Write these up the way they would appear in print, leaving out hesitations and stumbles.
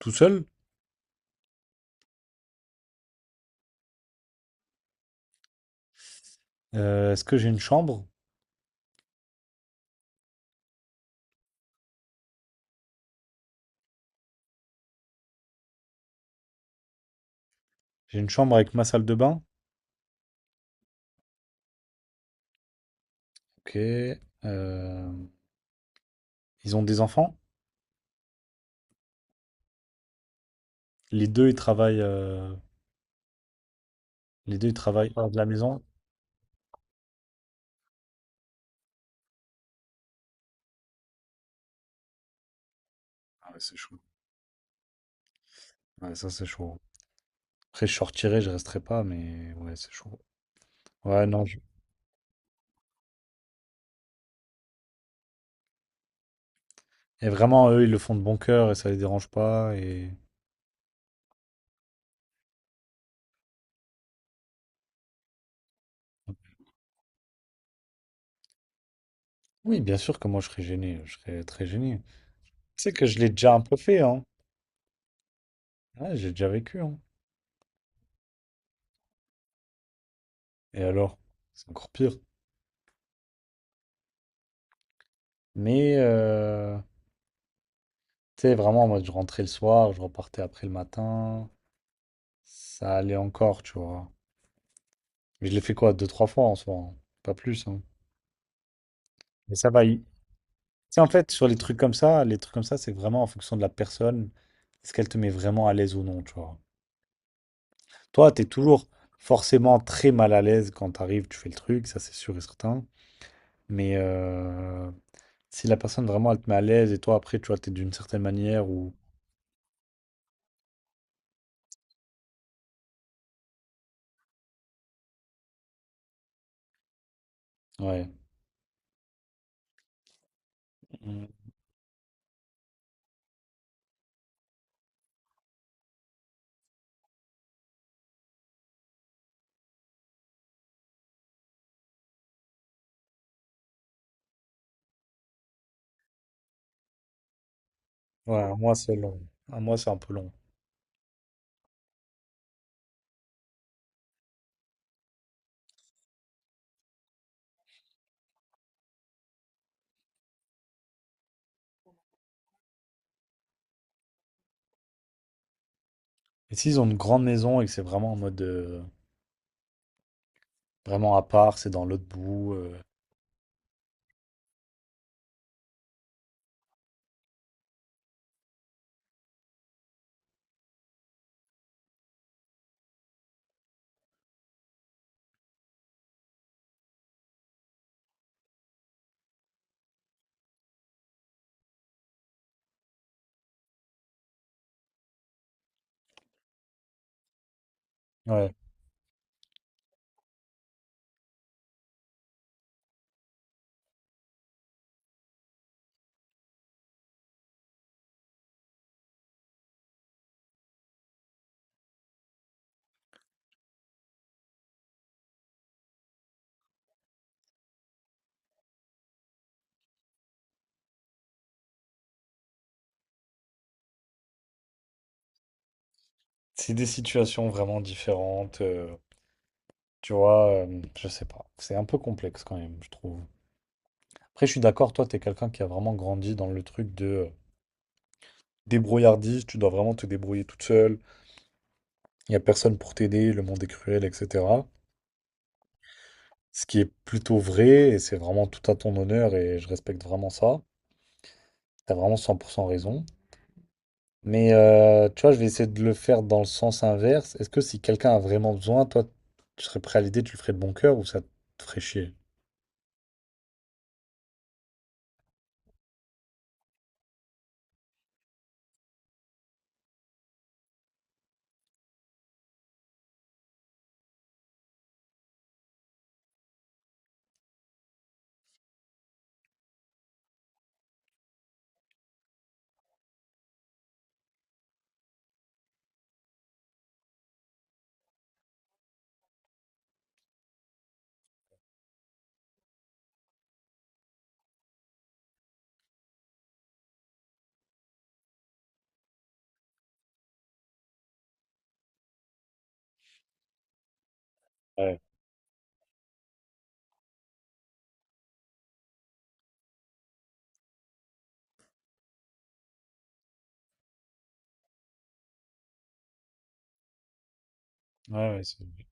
Tout seul? Est-ce que j'ai une chambre? J'ai une chambre avec ma salle de bain. Ok. Ils ont des enfants. Les deux, ils travaillent. Les deux, ils travaillent hors de la maison. Ah ouais, c'est chaud. Ouais, ça, c'est chaud. Après, je sortirai, je resterai pas, mais ouais, c'est chaud. Ouais, non. Et vraiment, eux, ils le font de bon cœur et ça les dérange pas. Et oui, bien sûr que moi, je serais gêné. Je serais très gêné. Tu sais que je l'ai déjà un peu fait, hein. Ouais, j'ai déjà vécu, hein. Et alors? C'est encore pire. Mais euh, Tu sais, vraiment, moi, je rentrais le soir, je repartais après le matin. Ça allait encore, tu vois. Mais je l'ai fait quoi, deux, trois fois en soi, hein. Pas plus, hein. Mais ça va. Tu sais, en fait, sur les trucs comme ça, les trucs comme ça, c'est vraiment en fonction de la personne. Est-ce qu'elle te met vraiment à l'aise ou non, tu vois. Toi, t'es toujours forcément très mal à l'aise quand t'arrives, tu fais le truc, ça c'est sûr et certain. Mais euh, Si la personne vraiment, elle te met à l'aise et toi, après, tu vois, t'es d'une certaine manière ou... Ouais. Mm. Ouais, un mois, c'est long. Un mois, c'est un peu long. Et s'ils ont une grande maison et que c'est vraiment en mode vraiment à part, c'est dans l'autre bout. Ouais. C'est des situations vraiment différentes. Tu vois, je sais pas. C'est un peu complexe quand même, je trouve. Après, je suis d'accord, toi, t'es quelqu'un qui a vraiment grandi dans le truc de débrouillardise, tu dois vraiment te débrouiller toute seule, il n'y a personne pour t'aider, le monde est cruel, etc. Ce qui est plutôt vrai, et c'est vraiment tout à ton honneur, et je respecte vraiment ça. T'as vraiment 100% raison. Tu vois, je vais essayer de le faire dans le sens inverse. Est-ce que si quelqu'un a vraiment besoin, toi, tu serais prêt à l'aider, tu le ferais de bon cœur ou ça te ferait chier? Ouais, ouais, vrai.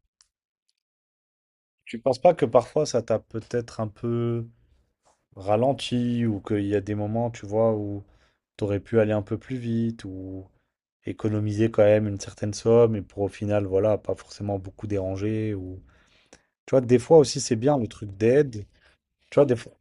Tu penses pas que parfois ça t'a peut-être un peu ralenti ou qu'il y a des moments, tu vois, où t'aurais pu aller un peu plus vite ou économiser quand même une certaine somme et pour au final, voilà, pas forcément beaucoup déranger ou... Tu vois, des fois aussi c'est bien le truc d'aide. Tu vois, des fois...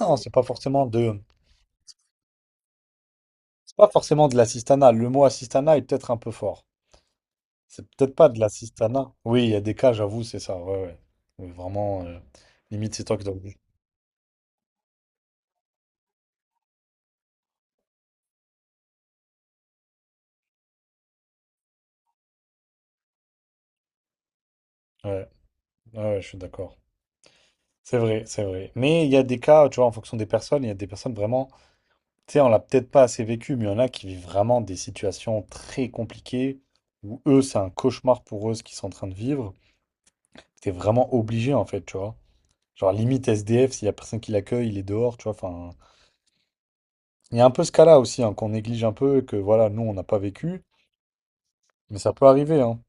Non, c'est pas forcément de... C'est pas forcément de l'assistanat. Le mot assistanat est peut-être un peu fort. C'est peut-être pas de l'assistanat. Oui, il y a des cas, j'avoue, c'est ça. Ouais, ouais. Oui, vraiment, limite, c'est toi qui dois. Le dire. Ouais, ouais, ouais, je suis d'accord. C'est vrai, c'est vrai. Mais il y a des cas, tu vois, en fonction des personnes, il y a des personnes vraiment, tu sais, on l'a peut-être pas assez vécu, mais il y en a qui vivent vraiment des situations très compliquées où eux, c'est un cauchemar pour eux ce qu'ils sont en train de vivre. T'es vraiment obligé, en fait, tu vois. Genre, limite SDF, s'il y a personne qui l'accueille, il est dehors, tu vois. Enfin, il y a un peu ce cas-là aussi, hein, qu'on néglige un peu, que voilà, nous, on n'a pas vécu, mais ça peut arriver, hein.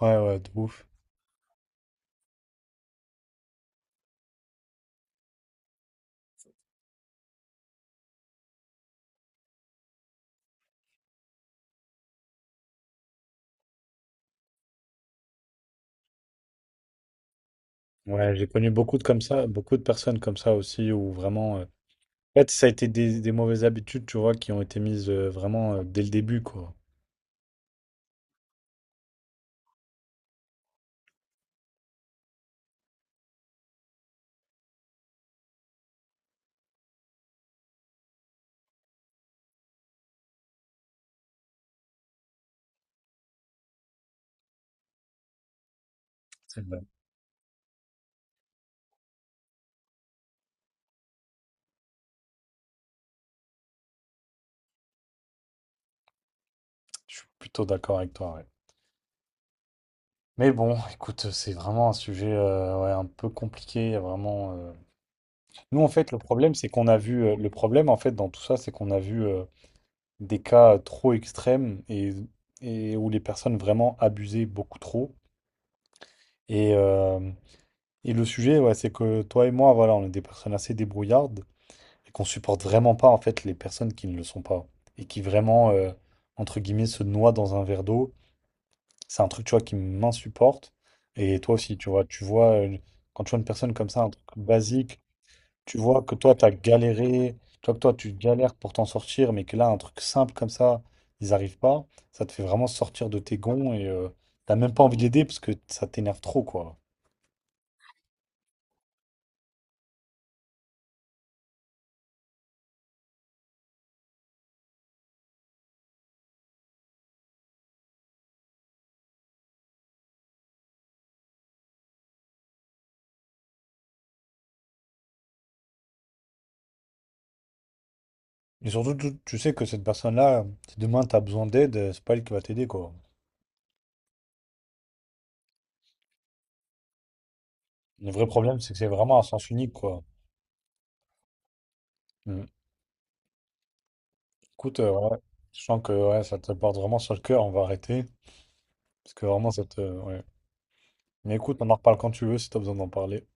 Ouais, ouais, de ouf. Ouais, j'ai connu beaucoup de comme ça, beaucoup de personnes comme ça aussi, où vraiment, en fait, ça a été des mauvaises habitudes, tu vois, qui ont été mises vraiment dès le début, quoi. C'est vrai. Je suis plutôt d'accord avec toi, ouais. Mais bon, écoute, c'est vraiment un sujet ouais, un peu compliqué, il y a vraiment. Nous, en fait, le problème, c'est qu'on a vu, le problème, en fait, dans tout ça, c'est qu'on a vu. Des cas trop extrêmes et où les personnes vraiment abusaient beaucoup trop. Et, euh, et le sujet, ouais, c'est que toi et moi, voilà, on est des personnes assez débrouillardes et qu'on supporte vraiment pas en fait les personnes qui ne le sont pas et qui vraiment, entre guillemets, se noient dans un verre d'eau. C'est un truc, tu vois, qui m'insupporte. Et toi aussi, tu vois, quand tu vois une personne comme ça, un truc basique. Tu vois que toi, tu as galéré, tu vois que toi, tu galères pour t'en sortir, mais que là, un truc simple comme ça, ils n'arrivent pas, ça te fait vraiment sortir de tes gonds et t'as même pas envie d'aider parce que ça t'énerve trop, quoi. Et surtout, tu sais que cette personne-là, si demain t'as besoin d'aide, c'est pas elle qui va t'aider, quoi. Le vrai problème, c'est que c'est vraiment un sens unique, quoi. Mm. Écoute, ouais, je sens que ouais, ça te porte vraiment sur le cœur, on va arrêter. Parce que vraiment, ça te. Ouais. Mais écoute, on en reparle quand tu veux si t'as besoin d'en parler.